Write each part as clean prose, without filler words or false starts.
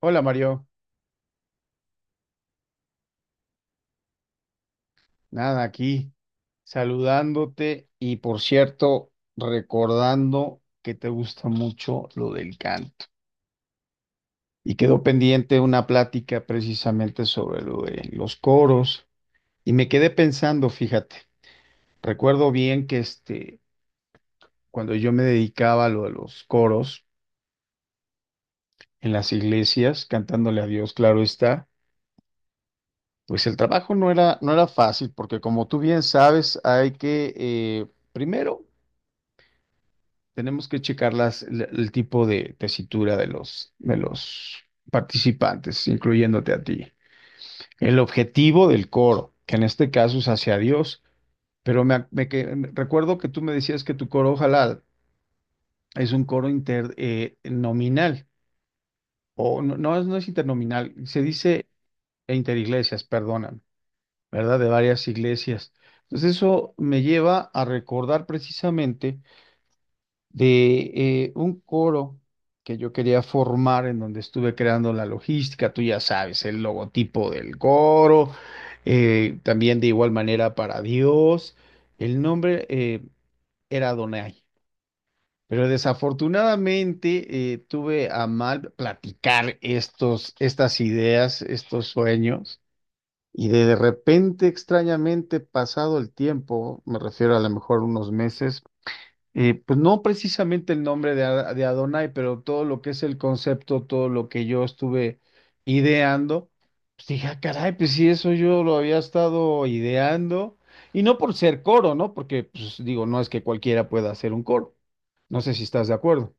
Hola Mario, nada aquí, saludándote y por cierto, recordando que te gusta mucho lo del canto. Y quedó pendiente una plática precisamente sobre lo de los coros y me quedé pensando, fíjate, recuerdo bien que cuando yo me dedicaba a lo de los coros en las iglesias, cantándole a Dios, claro está, pues el trabajo no era fácil porque como tú bien sabes, hay que... primero, tenemos que checar el tipo de tesitura de de los participantes, incluyéndote a ti. El objetivo del coro, que en este caso es hacia Dios, pero recuerdo que tú me decías que tu coro, ojalá, es un coro internominal, o no, es no es internominal, se dice e interiglesias, perdonan, ¿verdad? De varias iglesias. Entonces eso me lleva a recordar precisamente de un coro que yo quería formar, en donde estuve creando la logística, tú ya sabes, el logotipo del coro, también de igual manera para Dios. El nombre era Adonai, pero desafortunadamente tuve a mal platicar estas ideas, estos sueños. Y de repente, extrañamente, pasado el tiempo, me refiero a lo mejor unos meses, pues no precisamente el nombre de, Adonai, pero todo lo que es el concepto, todo lo que yo estuve ideando, pues dije: "Ah, caray, pues sí, eso yo lo había estado ideando". Y no por ser coro, ¿no? Porque, pues digo, no es que cualquiera pueda hacer un coro. No sé si estás de acuerdo.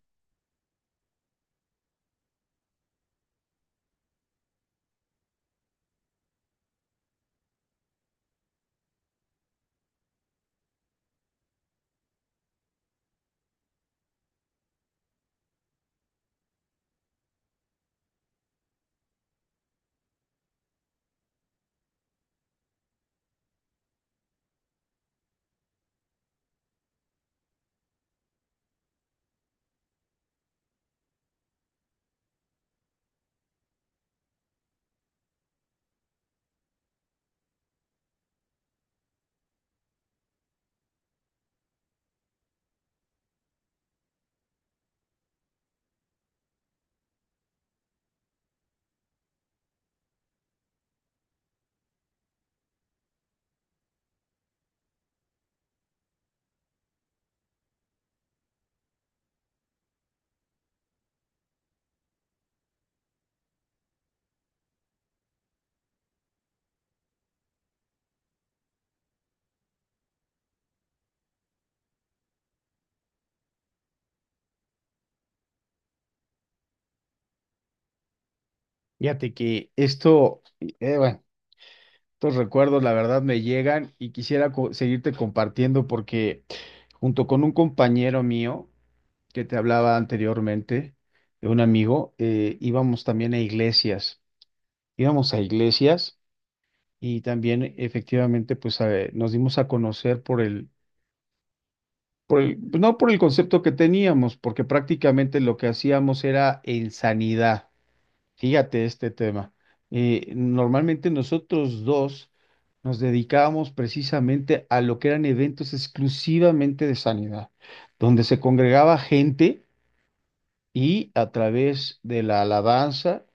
Fíjate que esto, bueno, estos recuerdos, la verdad, me llegan y quisiera seguirte compartiendo, porque junto con un compañero mío, que te hablaba anteriormente, de un amigo, íbamos también a iglesias, íbamos a iglesias y también efectivamente pues nos dimos a conocer por por pues, no por el concepto que teníamos, porque prácticamente lo que hacíamos era en sanidad. Fíjate este tema. Normalmente nosotros dos nos dedicábamos precisamente a lo que eran eventos exclusivamente de sanidad, donde se congregaba gente y a través de la alabanza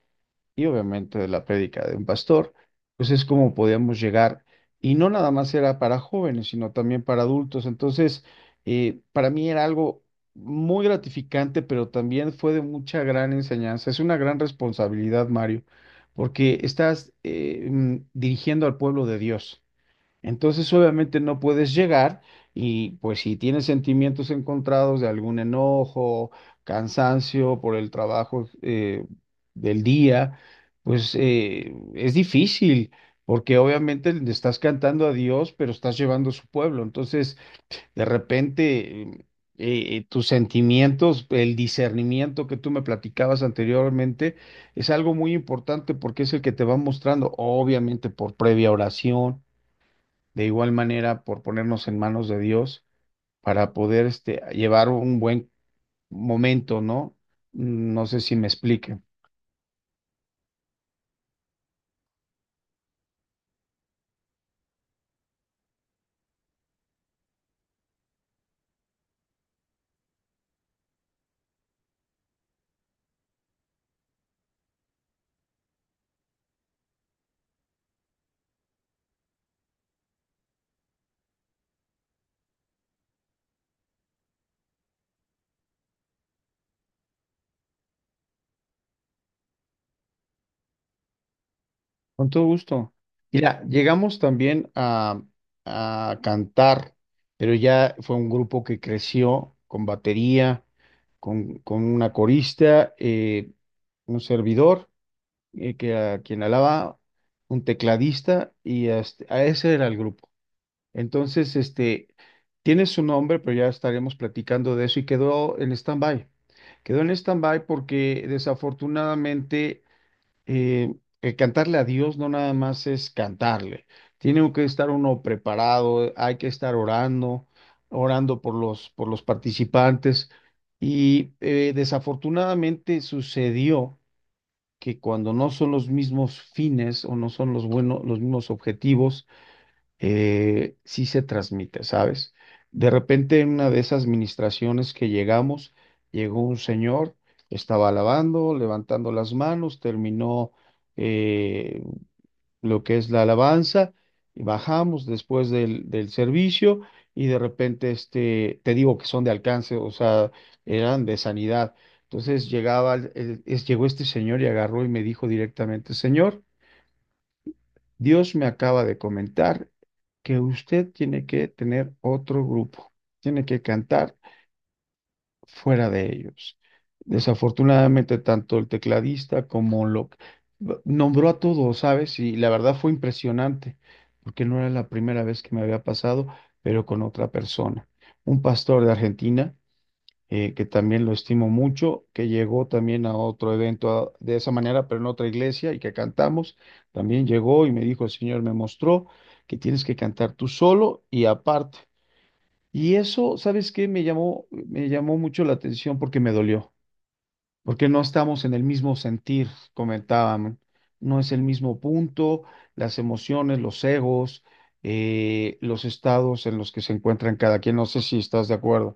y obviamente de la prédica de un pastor, pues es como podíamos llegar. Y no nada más era para jóvenes, sino también para adultos. Entonces, para mí era algo muy gratificante, pero también fue de mucha gran enseñanza. Es una gran responsabilidad, Mario, porque estás dirigiendo al pueblo de Dios. Entonces, obviamente no puedes llegar, y pues si tienes sentimientos encontrados de algún enojo, cansancio por el trabajo del día, pues es difícil. Porque obviamente le estás cantando a Dios, pero estás llevando a su pueblo. Entonces, de repente, tus sentimientos, el discernimiento que tú me platicabas anteriormente, es algo muy importante porque es el que te va mostrando, obviamente por previa oración, de igual manera por ponernos en manos de Dios, para poder este, llevar un buen momento, ¿no? No sé si me explique. Con todo gusto. Mira, llegamos también a cantar, pero ya fue un grupo que creció con batería, con una corista, un servidor, que a quien alaba, un tecladista, y hasta- a ese era el grupo. Entonces, este, tiene su nombre, pero ya estaremos platicando de eso y quedó en stand-by. Quedó en stand-by porque desafortunadamente eh, el cantarle a Dios no nada más es cantarle. Tiene que estar uno preparado, hay que estar orando, orando por por los participantes. Y desafortunadamente sucedió que cuando no son los mismos fines o no son los buenos, los mismos objetivos, sí se transmite, ¿sabes? De repente en una de esas administraciones que llegamos, llegó un señor, estaba alabando, levantando las manos, terminó eh, lo que es la alabanza, y bajamos después del servicio y de repente, este, te digo que son de alcance, o sea, eran de sanidad. Entonces llegaba, llegó este señor y agarró y me dijo directamente: señor, Dios me acaba de comentar que usted tiene que tener otro grupo, tiene que cantar fuera de ellos. Desafortunadamente, tanto el tecladista como lo nombró a todos, ¿sabes? Y la verdad fue impresionante, porque no era la primera vez que me había pasado, pero con otra persona, un pastor de Argentina, que también lo estimo mucho, que llegó también a otro evento de esa manera, pero en otra iglesia, y que cantamos. También llegó y me dijo: el Señor me mostró que tienes que cantar tú solo y aparte. Y eso, ¿sabes qué? Me llamó mucho la atención porque me dolió, porque no estamos en el mismo sentir, comentaban, no es el mismo punto, las emociones, los egos, los estados en los que se encuentran cada quien. No sé si estás de acuerdo.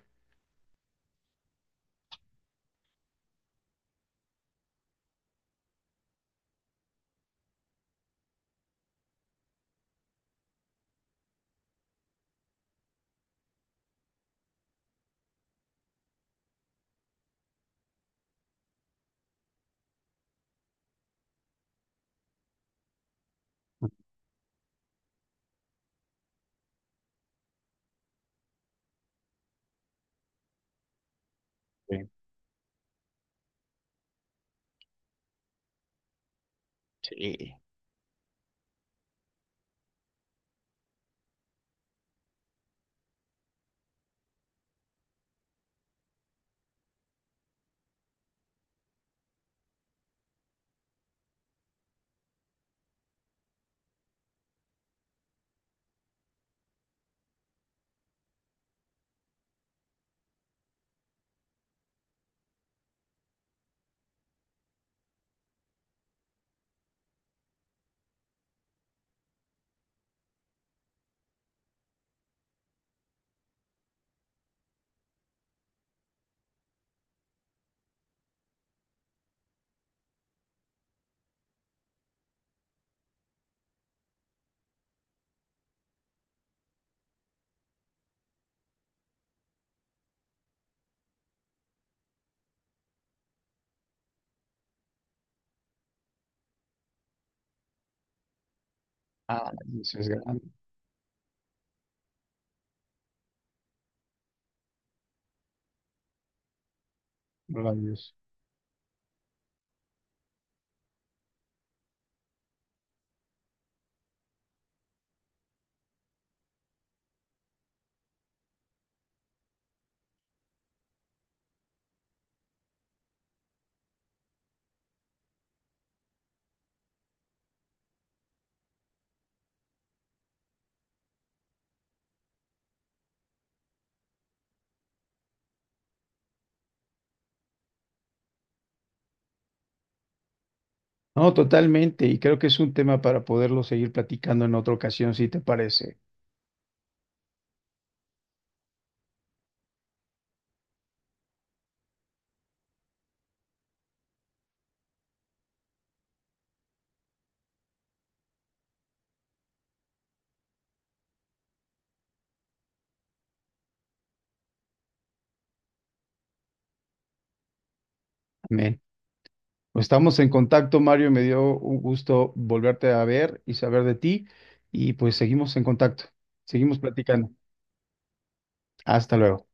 Sí. Sí. Ah, eso es grande, maravilloso. No, totalmente, y creo que es un tema para poderlo seguir platicando en otra ocasión, si te parece. Amén. Pues estamos en contacto, Mario, me dio un gusto volverte a ver y saber de ti, y pues seguimos en contacto, seguimos platicando. Hasta luego.